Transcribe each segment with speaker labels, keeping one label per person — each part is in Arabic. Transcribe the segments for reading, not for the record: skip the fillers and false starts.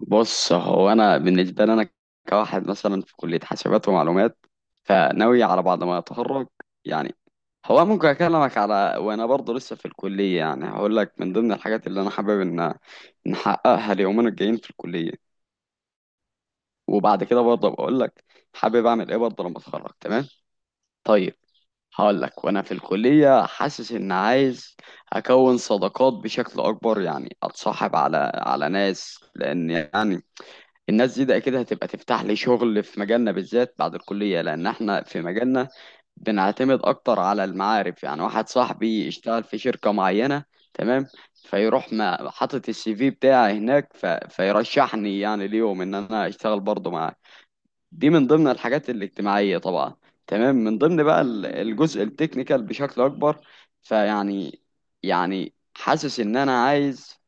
Speaker 1: بص هو انا بالنسبه لي انا كواحد مثلا في كليه حاسبات ومعلومات، فناوي على بعد ما اتخرج. يعني هو ممكن اكلمك على وانا برضه لسه في الكليه، يعني هقول لك من ضمن الحاجات اللي انا حابب ان نحققها اليومين الجايين في الكليه، وبعد كده برضه بقول لك حابب اعمل ايه برضه لما اتخرج. تمام. طيب هقول لك وانا في الكليه، حاسس ان عايز اكون صداقات بشكل اكبر، يعني اتصاحب على ناس، لان يعني الناس دي ده اكيد هتبقى تفتح لي شغل في مجالنا بالذات بعد الكلية، لان احنا في مجالنا بنعتمد اكتر على المعارف. يعني واحد صاحبي يشتغل في شركة معينة، تمام، فيروح ما حاطط السي في بتاعي هناك فيرشحني يعني ليهم ان انا اشتغل برضه معاه. دي من ضمن الحاجات الاجتماعية طبعا. تمام، من ضمن بقى الجزء التكنيكال بشكل اكبر، فيعني يعني حاسس ان انا عايز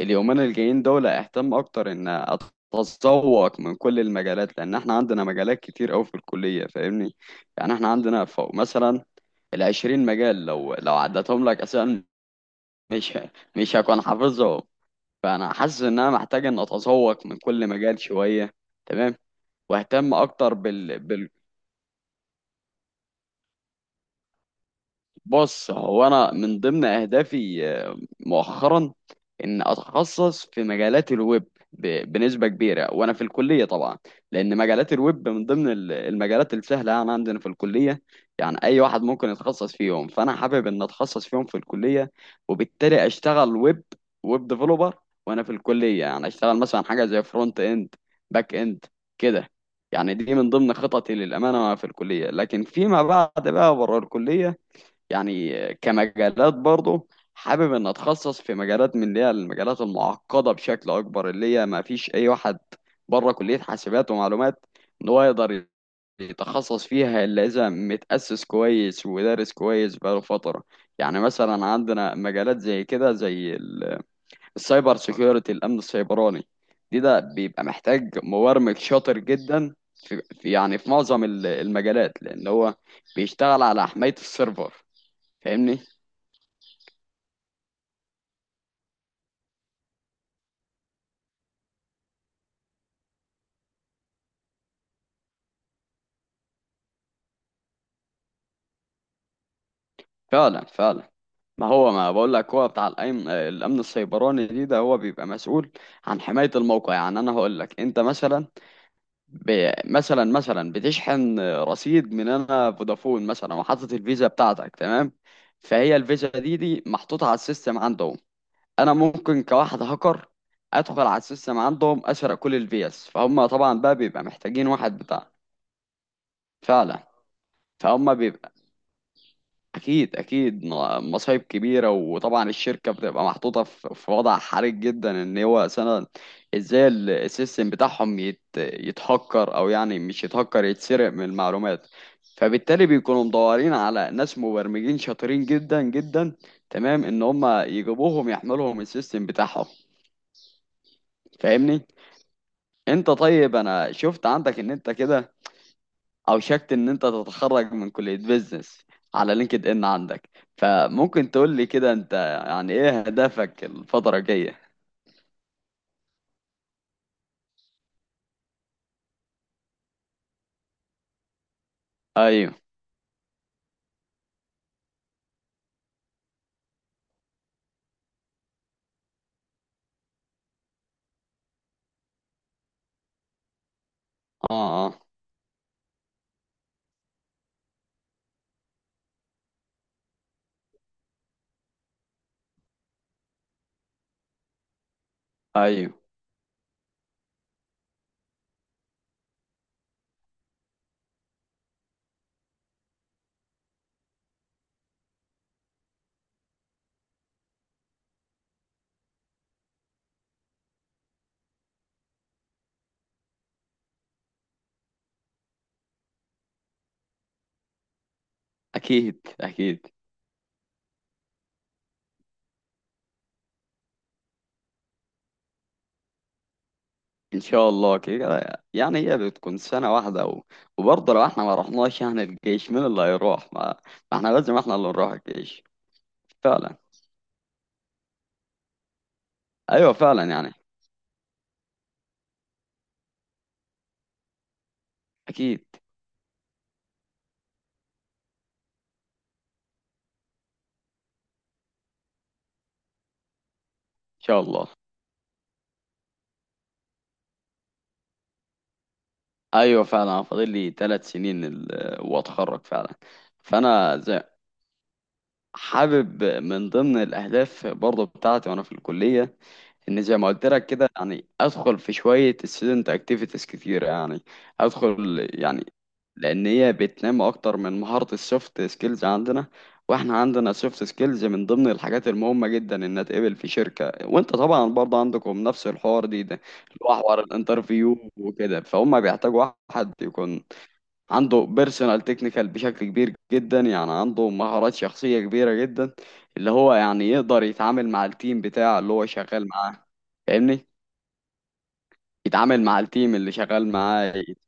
Speaker 1: اليومين الجايين دول اهتم اكتر ان اتذوق من كل المجالات، لان احنا عندنا مجالات كتير قوي في الكليه، فاهمني؟ يعني احنا عندنا فوق مثلا العشرين مجال، لو عدتهم لك اساسا مش مش هكون حافظهم. فانا حاسس ان انا محتاج ان اتذوق من كل مجال شويه، تمام، واهتم اكتر بص، هو انا من ضمن اهدافي مؤخرا ان اتخصص في مجالات الويب بنسبه كبيره وانا في الكليه طبعا، لان مجالات الويب من ضمن المجالات السهله يعني عندنا في الكليه، يعني اي واحد ممكن يتخصص فيهم. فانا حابب ان اتخصص فيهم في الكليه، وبالتالي اشتغل ويب، ويب ديفلوبر، وانا في الكليه يعني اشتغل مثلا حاجه زي فرونت اند، باك اند كده. يعني دي من ضمن خططي للامانه وانا في الكليه، لكن فيما بعد بقى بره الكليه، يعني كمجالات برضه حابب ان اتخصص في مجالات من اللي هي المجالات المعقده بشكل اكبر، اللي هي ما فيش اي واحد بره كليه حاسبات ومعلومات ان هو يقدر يتخصص فيها الا اذا متاسس كويس ودارس كويس بقاله فتره. يعني مثلا عندنا مجالات زي كده، زي السايبر سيكيورتي، الامن السيبراني، دي ده بيبقى محتاج مبرمج شاطر جدا يعني في معظم المجالات، لان هو بيشتغل على حمايه السيرفر، فاهمني؟ فعلا فعلا. ما هو ما بقول لك، هو بتاع الأمن، الأمن السيبراني دي، ده هو بيبقى مسؤول عن حماية الموقع. يعني أنا هقول لك، أنت مثلا مثلا مثلا بتشحن رصيد من أنا فودافون مثلا، وحاطط الفيزا بتاعتك، تمام، فهي الفيزا دي دي محطوطة على السيستم عندهم. أنا ممكن كواحد هاكر أدخل على السيستم عندهم، أسرق كل الفيز، فهم طبعا بقى بيبقى محتاجين واحد بتاع. فعلا. فهم بيبقى اكيد اكيد مصايب كبيره، وطبعا الشركه بتبقى محطوطه في وضع حرج جدا. ان هو مثلا ازاي السيستم بتاعهم يتهكر، او يعني مش يتهكر، يتسرق من المعلومات. فبالتالي بيكونوا مدورين على ناس مبرمجين شاطرين جدا جدا، تمام، ان هم يجيبوهم يحملهم السيستم بتاعهم، فاهمني؟ انت طيب، انا شفت عندك ان انت كده، او شكت ان انت تتخرج من كلية بيزنس على لينكد ان عندك، فممكن تقول لي كده انت يعني ايه هدفك الفترة الجاية؟ ايوه. اه اه. ايوه. اكيد اكيد. ان شاء الله كده. يعني هي بتكون سنة واحدة وبرضه لو احنا ما رحناش يعني الجيش، مين اللي هيروح؟ ما احنا لازم احنا اللي نروح الجيش. فعلا. ايوه فعلا يعني. اكيد ان شاء الله. ايوه فعلا، أنا فاضل لي 3 سنين واتخرج فعلا. فانا زي، حابب من ضمن الأهداف برضه بتاعتي وأنا في الكلية، إن زي ما قلت لك كده، يعني أدخل في شوية student activities كتير. يعني أدخل يعني، لأن هي بتنمي أكتر من مهارة السوفت سكيلز عندنا. وإحنا عندنا سوفت سكيلز من ضمن الحاجات المهمة جدا إنها تقبل في شركة، وأنت طبعا برضه عندكم نفس الحوار دي ده، اللي هو حوار الانترفيو وكده، فهم بيحتاجوا واحد يكون عنده بيرسونال تكنيكال بشكل كبير جدا، يعني عنده مهارات شخصية كبيرة جدا، اللي هو يعني يقدر يتعامل مع التيم بتاعه اللي هو شغال معاه، فاهمني؟ يتعامل مع التيم اللي شغال معاه،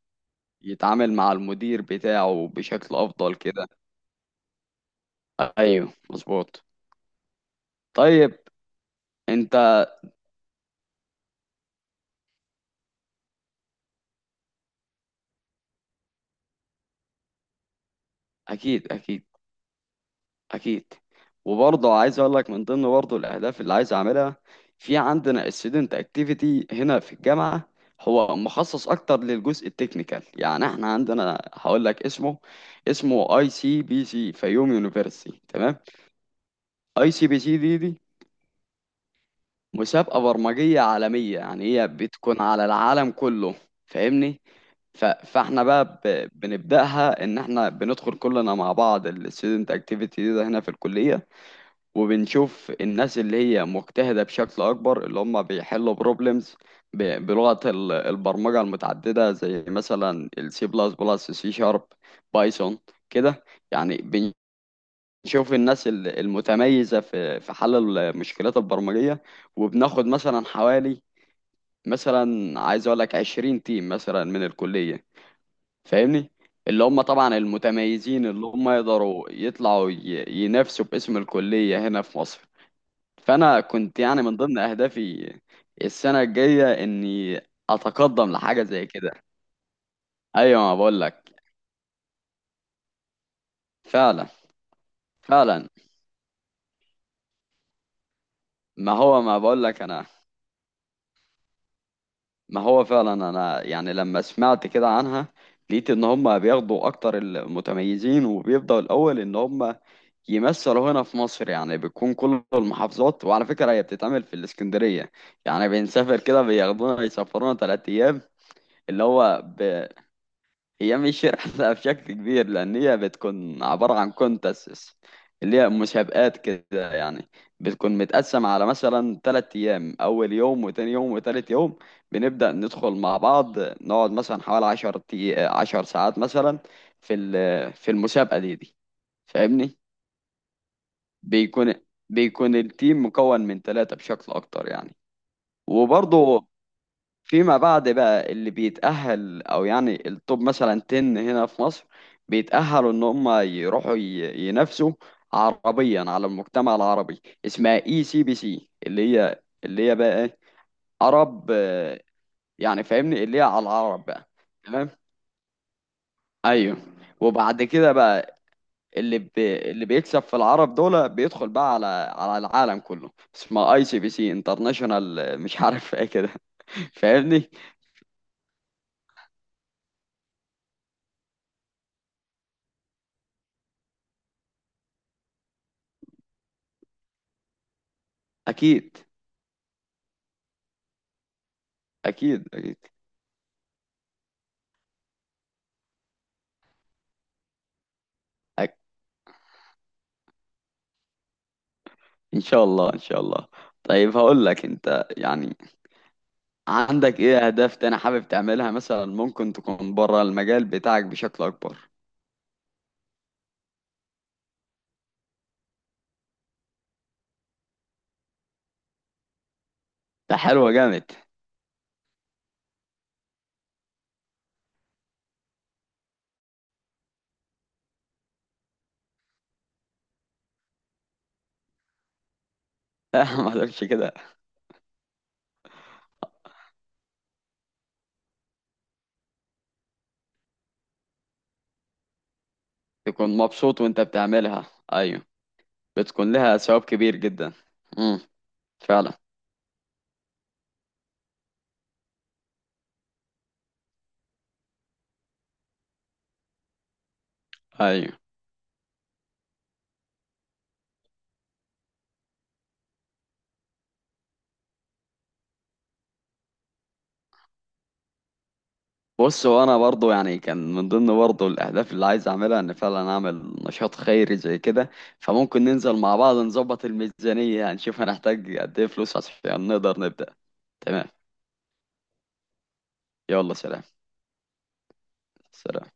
Speaker 1: يتعامل مع المدير بتاعه بشكل أفضل كده. ايوه مظبوط. طيب انت، اكيد اكيد اكيد. وبرضه عايز اقول لك من ضمن برضه الاهداف اللي عايز اعملها، في عندنا student activity هنا في الجامعه، هو مخصص اكتر للجزء التكنيكال. يعني احنا عندنا هقول لك اسمه، اسمه اي سي بي سي فيوم يونيفرسيتي، تمام. اي سي بي سي دي دي مسابقه برمجيه عالميه، يعني هي بتكون على العالم كله، فاهمني؟ فاحنا بقى بنبداها ان احنا بندخل كلنا مع بعض الستودنت اكتيفيتي ده هنا في الكليه، وبنشوف الناس اللي هي مجتهدة بشكل أكبر، اللي هم بيحلوا بروبلمز بلغة البرمجة المتعددة، زي مثلا السي بلس بلس، سي شارب، بايثون كده. يعني بنشوف الناس المتميزة في حل المشكلات البرمجية، وبناخد مثلا حوالي، مثلا عايز أقول لك 20 تيم مثلا من الكلية، فاهمني؟ اللي هم طبعا المتميزين، اللي هم يقدروا يطلعوا ينافسوا باسم الكلية هنا في مصر. فانا كنت يعني من ضمن اهدافي السنه الجايه اني اتقدم لحاجه زي كده. ايوه ما بقول لك. فعلا فعلا. ما هو ما بقول لك انا، ما هو فعلا انا يعني لما سمعت كده عنها، لقيت ان هم بياخدوا اكتر المتميزين وبيبداوا الاول ان هم يمثلوا هنا في مصر، يعني بتكون كل المحافظات، وعلى فكره هي بتتعمل في الاسكندريه، يعني بنسافر كده، بياخدونا يسافرونا 3 ايام. اللي هو هي مش رحلة بشكل كبير، لأن هي بتكون عبارة عن كونتسس، اللي هي مسابقات كده يعني. بتكون متقسم على مثلا 3 أيام، أول يوم وتاني يوم وتالت يوم، بنبدأ ندخل مع بعض نقعد مثلا حوالي 10 ساعات مثلا في في المسابقة دي دي، فاهمني؟ بيكون، بيكون التيم مكون من ثلاثة بشكل أكتر يعني. وبرضه فيما بعد بقى، اللي بيتأهل أو يعني التوب مثلا 10 هنا في مصر بيتأهلوا إن هم يروحوا ينافسوا عربيا على المجتمع العربي، اسمها اي سي بي سي، اللي هي اللي هي بقى إيه؟ عرب يعني فاهمني اللي هي على العرب بقى. تمام. ايوه. وبعد كده بقى اللي بيكسب في العرب دول بيدخل بقى على على العالم كله، اسمها اي سي بي سي انترناشونال، مش عارف ايه كده. فاهمني. اكيد اكيد اكيد. ان شاء الله، ان شاء الله. طيب هقول لك انت يعني، عندك ايه اهداف تاني حابب تعملها؟ مثلا ممكن تكون بره المجال بتاعك بشكل اكبر. ده حلوة جامد. لا، ما تقولش كده. تكون مبسوط وانت بتعملها. ايوه، بتكون لها ثواب كبير جدا. امم فعلا. ايوه. بص، وانا برضو يعني كان من ضمن برضو الاهداف اللي عايز اعملها ان فعلا اعمل نشاط خيري زي كده، فممكن ننزل مع بعض نظبط الميزانية، هنشوف هنحتاج قد ايه فلوس عشان نقدر نبدأ. تمام. يلا سلام. سلام.